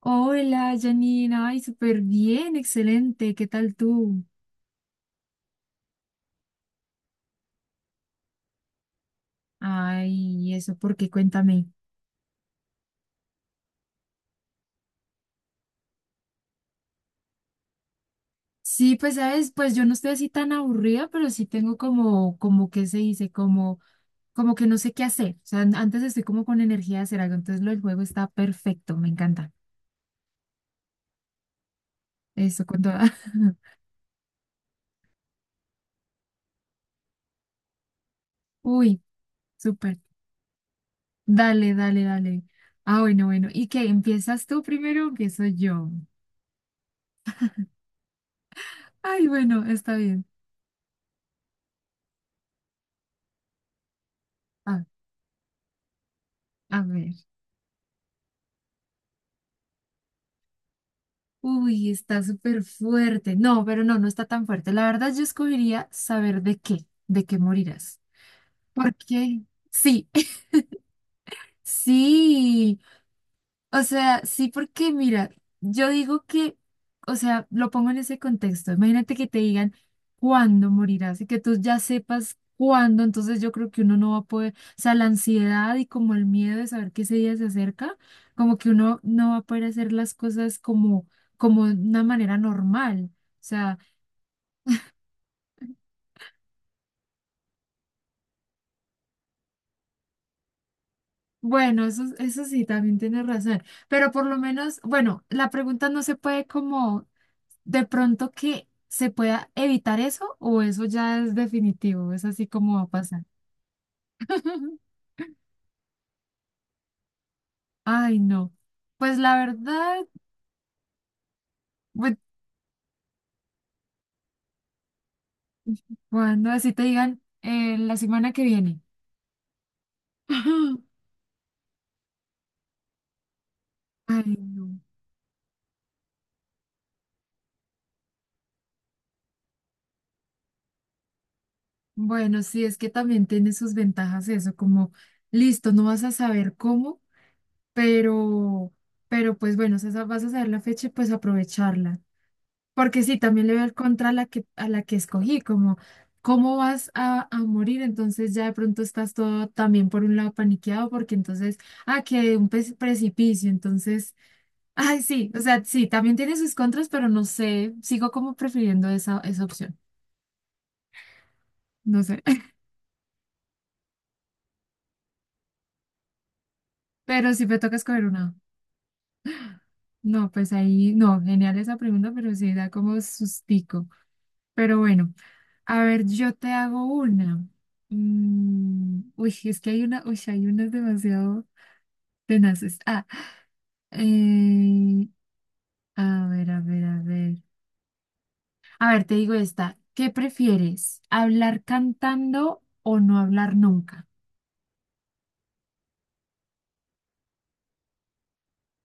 Hola, Janina. Ay, súper bien, excelente. ¿Qué tal tú? Ay, eso, ¿por qué? Cuéntame. Sí, pues sabes, pues yo no estoy así tan aburrida, pero sí tengo como, como que se dice, como, como que no sé qué hacer. O sea, antes estoy como con energía de hacer algo, entonces lo del juego está perfecto, me encanta. Eso, con toda. Uy, súper. Dale, dale, dale. Ah, bueno, bueno. ¿Y qué? ¿Empiezas tú primero o empiezo yo? Ay, bueno, está bien. Ah, a ver. Uy, está súper fuerte. No, pero no, no está tan fuerte. La verdad, yo escogería saber de qué morirás. ¿Por qué? Sí, sí. O sea, sí, porque mira, yo digo que, o sea, lo pongo en ese contexto. Imagínate que te digan cuándo morirás y que tú ya sepas cuándo, entonces yo creo que uno no va a poder, o sea, la ansiedad y como el miedo de saber que ese día se acerca, como que uno no va a poder hacer las cosas como, como de una manera normal. O sea, bueno, eso sí, también tienes razón. Pero por lo menos, bueno, la pregunta no se puede como de pronto que se pueda evitar eso o eso ya es definitivo, es así como va a pasar. Ay, no. Pues la verdad, bu- cuando así te digan la semana que viene. Ay, no. Bueno, sí, es que también tiene sus ventajas eso, como listo, no vas a saber cómo. pero, pero pues bueno, si vas a saber la fecha, pues aprovecharla. Porque sí, también le veo el contra a la que escogí, como cómo vas a morir, entonces ya de pronto estás todo también por un lado paniqueado, porque entonces, ah, que un precipicio, entonces, ay, sí, o sea, sí, también tiene sus contras, pero no sé, sigo como prefiriendo esa, esa opción, no sé, pero si me toca escoger una, no, pues ahí, no, genial esa pregunta, pero sí da como sustico, pero bueno. A ver, yo te hago una. Uy, es que hay una, uy, sí, hay unas demasiado tenaces. Ah, eh, a ver, a ver, a ver. A ver, te digo esta. ¿Qué prefieres? ¿Hablar cantando o no hablar nunca?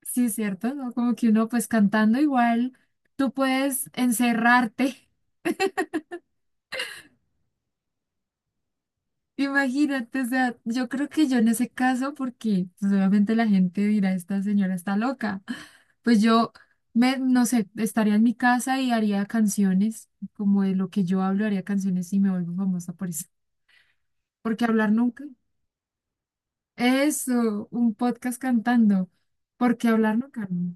Sí, es cierto, ¿no? Como que uno, pues cantando igual, tú puedes encerrarte. Imagínate, o sea, yo creo que yo en ese caso, porque pues, obviamente la gente dirá, esta señora está loca, pues yo no sé, estaría en mi casa y haría canciones, como de lo que yo hablo, haría canciones y me vuelvo famosa por eso. Porque hablar nunca. Eso, un podcast cantando. Porque hablar nunca, no.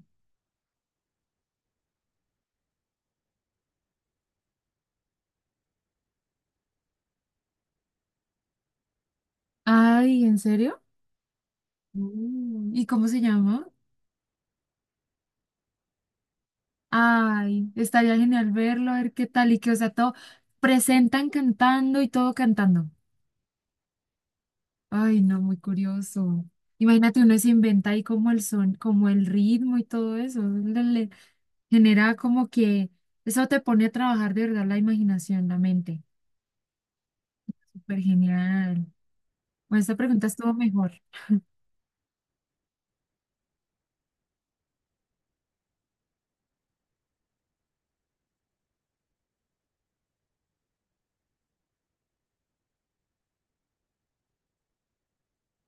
Ay, ¿en serio? Mm. ¿Y cómo se llama? Ay, estaría genial verlo, a ver qué tal y que, o sea, todo presentan cantando y todo cantando. Ay, no, muy curioso. Imagínate, uno se inventa ahí como el son, como el ritmo y todo eso. Le genera como que eso te pone a trabajar de verdad la imaginación, la mente. Súper genial. Bueno, esta pregunta estuvo mejor.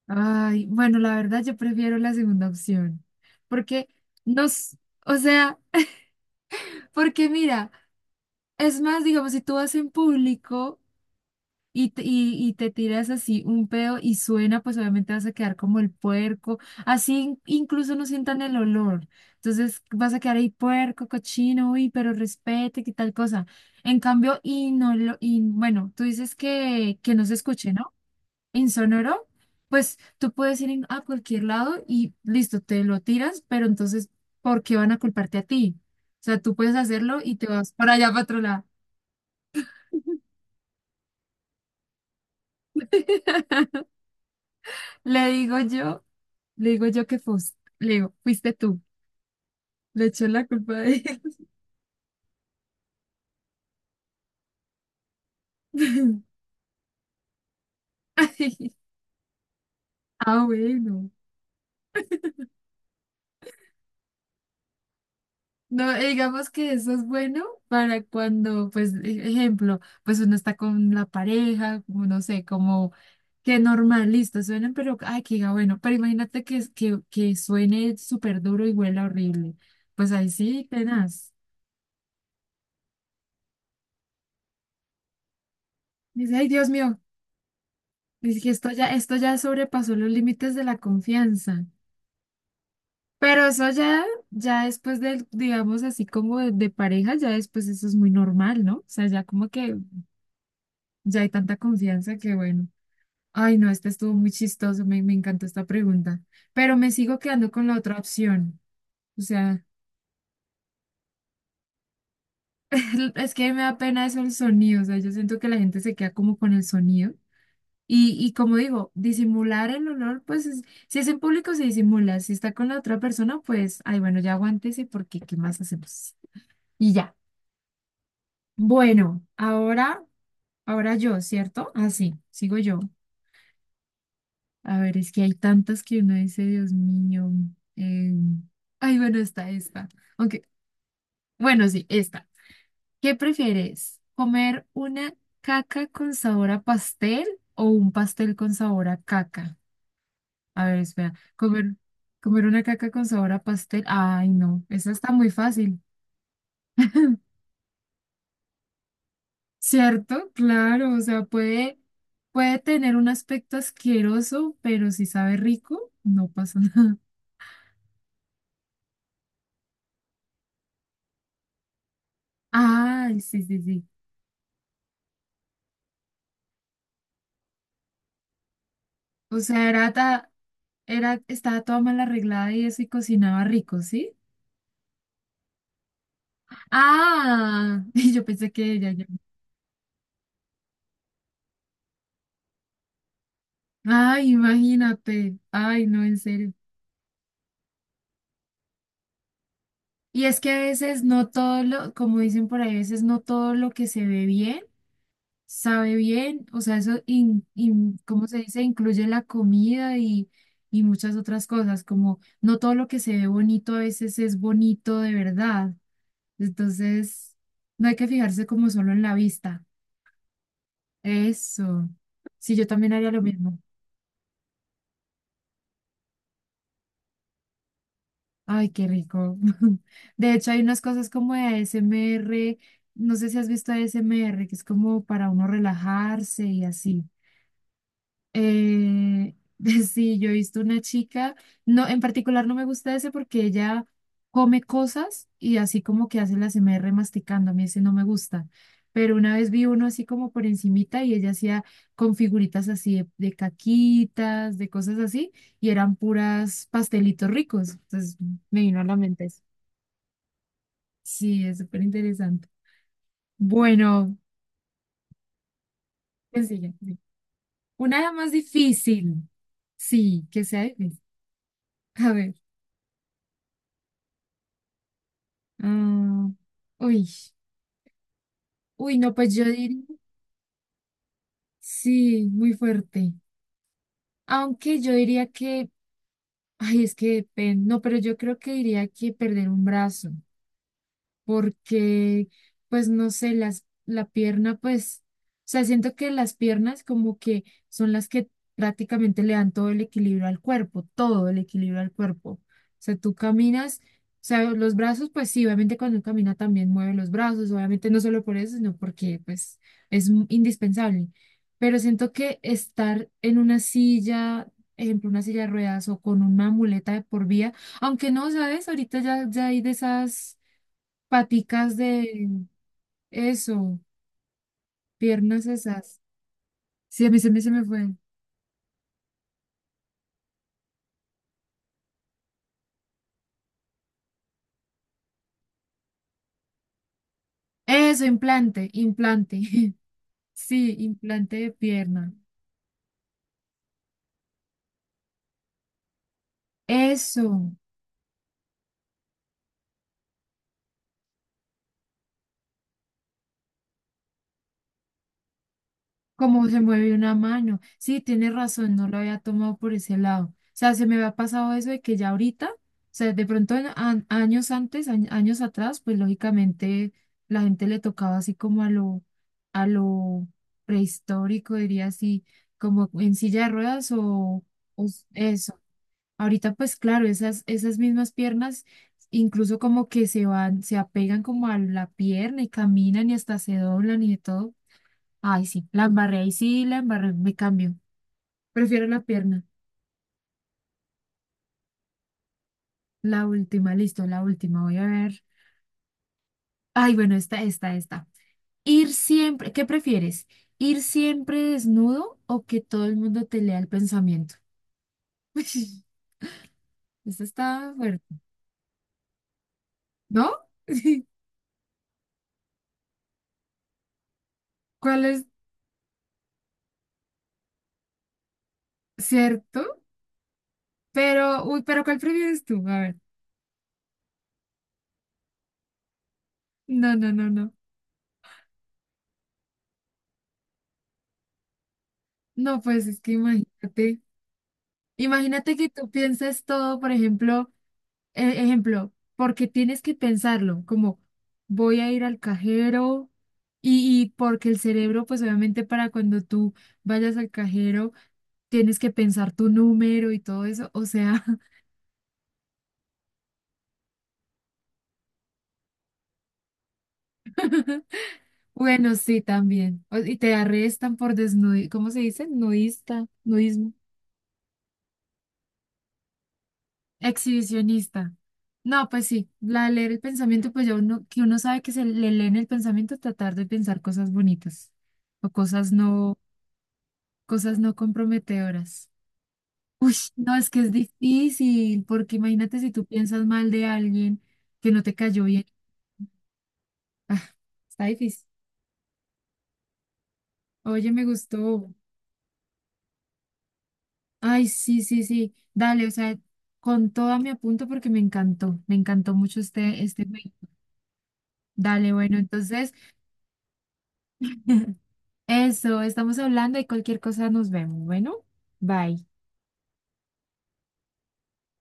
Ay, bueno, la verdad yo prefiero la segunda opción. Porque nos, o sea, porque mira, es más, digamos, si tú vas en público, y te, y te tiras así un pedo y suena, pues obviamente vas a quedar como el puerco, así incluso no sientan el olor. Entonces vas a quedar ahí puerco, cochino, uy, pero respete, qué tal cosa. En cambio, y no lo, y bueno, tú dices que no se escuche, ¿no? Insonoro, pues tú puedes ir a cualquier lado y listo, te lo tiras, pero entonces, ¿por qué van a culparte a ti? O sea, tú puedes hacerlo y te vas para allá, para otro lado. Le digo yo. Le digo yo que fuiste, le digo, fuiste tú. Le echó la culpa a él. Ay, ah, bueno. No, digamos que eso es bueno para cuando, pues, ejemplo, pues uno está con la pareja, como no sé, como que normal, listo, suenan, pero, ay, que diga, bueno, pero imagínate que, que suene súper duro y huela horrible. Pues ahí sí, tenaz. Dice, ay, Dios mío, dice que esto ya sobrepasó los límites de la confianza. Pero eso ya, ya después del, digamos así como de pareja, ya después eso es muy normal, ¿no? O sea, ya como que ya hay tanta confianza que bueno. Ay, no, este estuvo muy chistoso, me encantó esta pregunta. Pero me sigo quedando con la otra opción. O sea, es que me da pena eso el sonido. O sea, yo siento que la gente se queda como con el sonido. Y como digo, disimular el olor, pues si es en público se disimula. Si está con la otra persona, pues, ay, bueno, ya aguántese porque ¿qué más hacemos? Y ya. Bueno, ahora, ahora yo, ¿cierto? Así, sigo yo. A ver, es que hay tantas que uno dice, Dios mío. eh, Ay, bueno, está esta. Aunque, bueno, sí, esta. ¿Qué prefieres? ¿Comer una caca con sabor a pastel o un pastel con sabor a caca? A ver, espera. ¿Comer, comer una caca con sabor a pastel? Ay, no, esa está muy fácil. ¿Cierto? Claro, o sea, puede, puede tener un aspecto asqueroso, pero si sabe rico, no pasa nada. Ay, sí, sí, sí. O sea, era, era, estaba toda mal arreglada y eso y cocinaba rico, ¿sí? Ah, y yo pensé que ella ya, no. Ay, imagínate. Ay, no, en serio. Y es que a veces no todo lo, como dicen por ahí, a veces no todo lo que se ve bien sabe bien, o sea, eso, ¿cómo se dice? Incluye la comida y muchas otras cosas, como no todo lo que se ve bonito a veces es bonito de verdad. Entonces, no hay que fijarse como solo en la vista. Eso. Sí, yo también haría lo mismo. Ay, qué rico. De hecho, hay unas cosas como de ASMR, no sé si has visto ASMR, que es como para uno relajarse y así. Eh, sí, yo he visto una chica, no, en particular no me gusta ese porque ella come cosas y así como que hace la ASMR masticando, a mí ese no me gusta. Pero una vez vi uno así como por encimita y ella hacía con figuritas así de caquitas, de cosas así, y eran puras pastelitos ricos. Entonces me vino a la mente eso. Sí, es súper interesante. Bueno, ¿qué sigue? Sí. Una más difícil. Sí, que sea difícil. A ver. Ah, uy, uy, no, pues yo diría, sí, muy fuerte. Aunque yo diría que, ay, es que depende, no, pero yo creo que diría que perder un brazo. Porque, pues no sé, las, la pierna, pues, o sea, siento que las piernas como que son las que prácticamente le dan todo el equilibrio al cuerpo, todo el equilibrio al cuerpo. O sea, tú caminas, o sea, los brazos, pues sí, obviamente cuando uno camina también mueve los brazos, obviamente no solo por eso, sino porque, pues, es indispensable. Pero siento que estar en una silla, ejemplo, una silla de ruedas o con una muleta de por vía, aunque no, ¿sabes? Ahorita ya, ya hay de esas paticas de eso, piernas esas. Sí, a mí se me fue. Eso, implante, implante. Sí, implante de pierna. Eso. Cómo se mueve una mano. Sí, tienes razón, no lo había tomado por ese lado. O sea, se me había pasado eso de que ya ahorita, o sea, de pronto años antes, años atrás, pues lógicamente la gente le tocaba así como a lo prehistórico, diría así, como en silla de ruedas o, eso. Ahorita, pues claro, esas, esas mismas piernas incluso como que se van, se apegan como a la pierna y caminan y hasta se doblan y de todo. Ay, sí, la embarré, ahí sí, la embarré, me cambio. Prefiero la pierna. La última, listo, la última, voy a ver. Ay, bueno, esta, esta, esta. Ir siempre, ¿qué prefieres? ¿Ir siempre desnudo o que todo el mundo te lea el pensamiento? Esta está fuerte, ¿no? ¿Cuál es cierto? Pero, uy, pero ¿cuál prefieres tú? A ver. No, no, no, no. No, pues es que imagínate, imagínate que tú pienses todo, por ejemplo. Ejemplo, porque tienes que pensarlo, como voy a ir al cajero y porque el cerebro, pues obviamente para cuando tú vayas al cajero, tienes que pensar tu número y todo eso, o sea, bueno, sí, también. O- Y te arrestan por desnudismo, ¿cómo se dice? Nudista, nudismo, exhibicionista. No, pues sí, la de leer el pensamiento, pues ya uno, que uno sabe que se le lee en el pensamiento, tratar de pensar cosas bonitas o cosas no, cosas no comprometedoras. Uy, no, es que es difícil, porque imagínate si tú piensas mal de alguien que no te cayó bien. Ah, está difícil. Oye, me gustó. Ay, sí, sí, sí. Dale, o sea, con toda mi apunto porque me encantó. Me encantó mucho este, este juego. Dale, bueno, entonces, eso, estamos hablando y cualquier cosa nos vemos. Bueno, bye.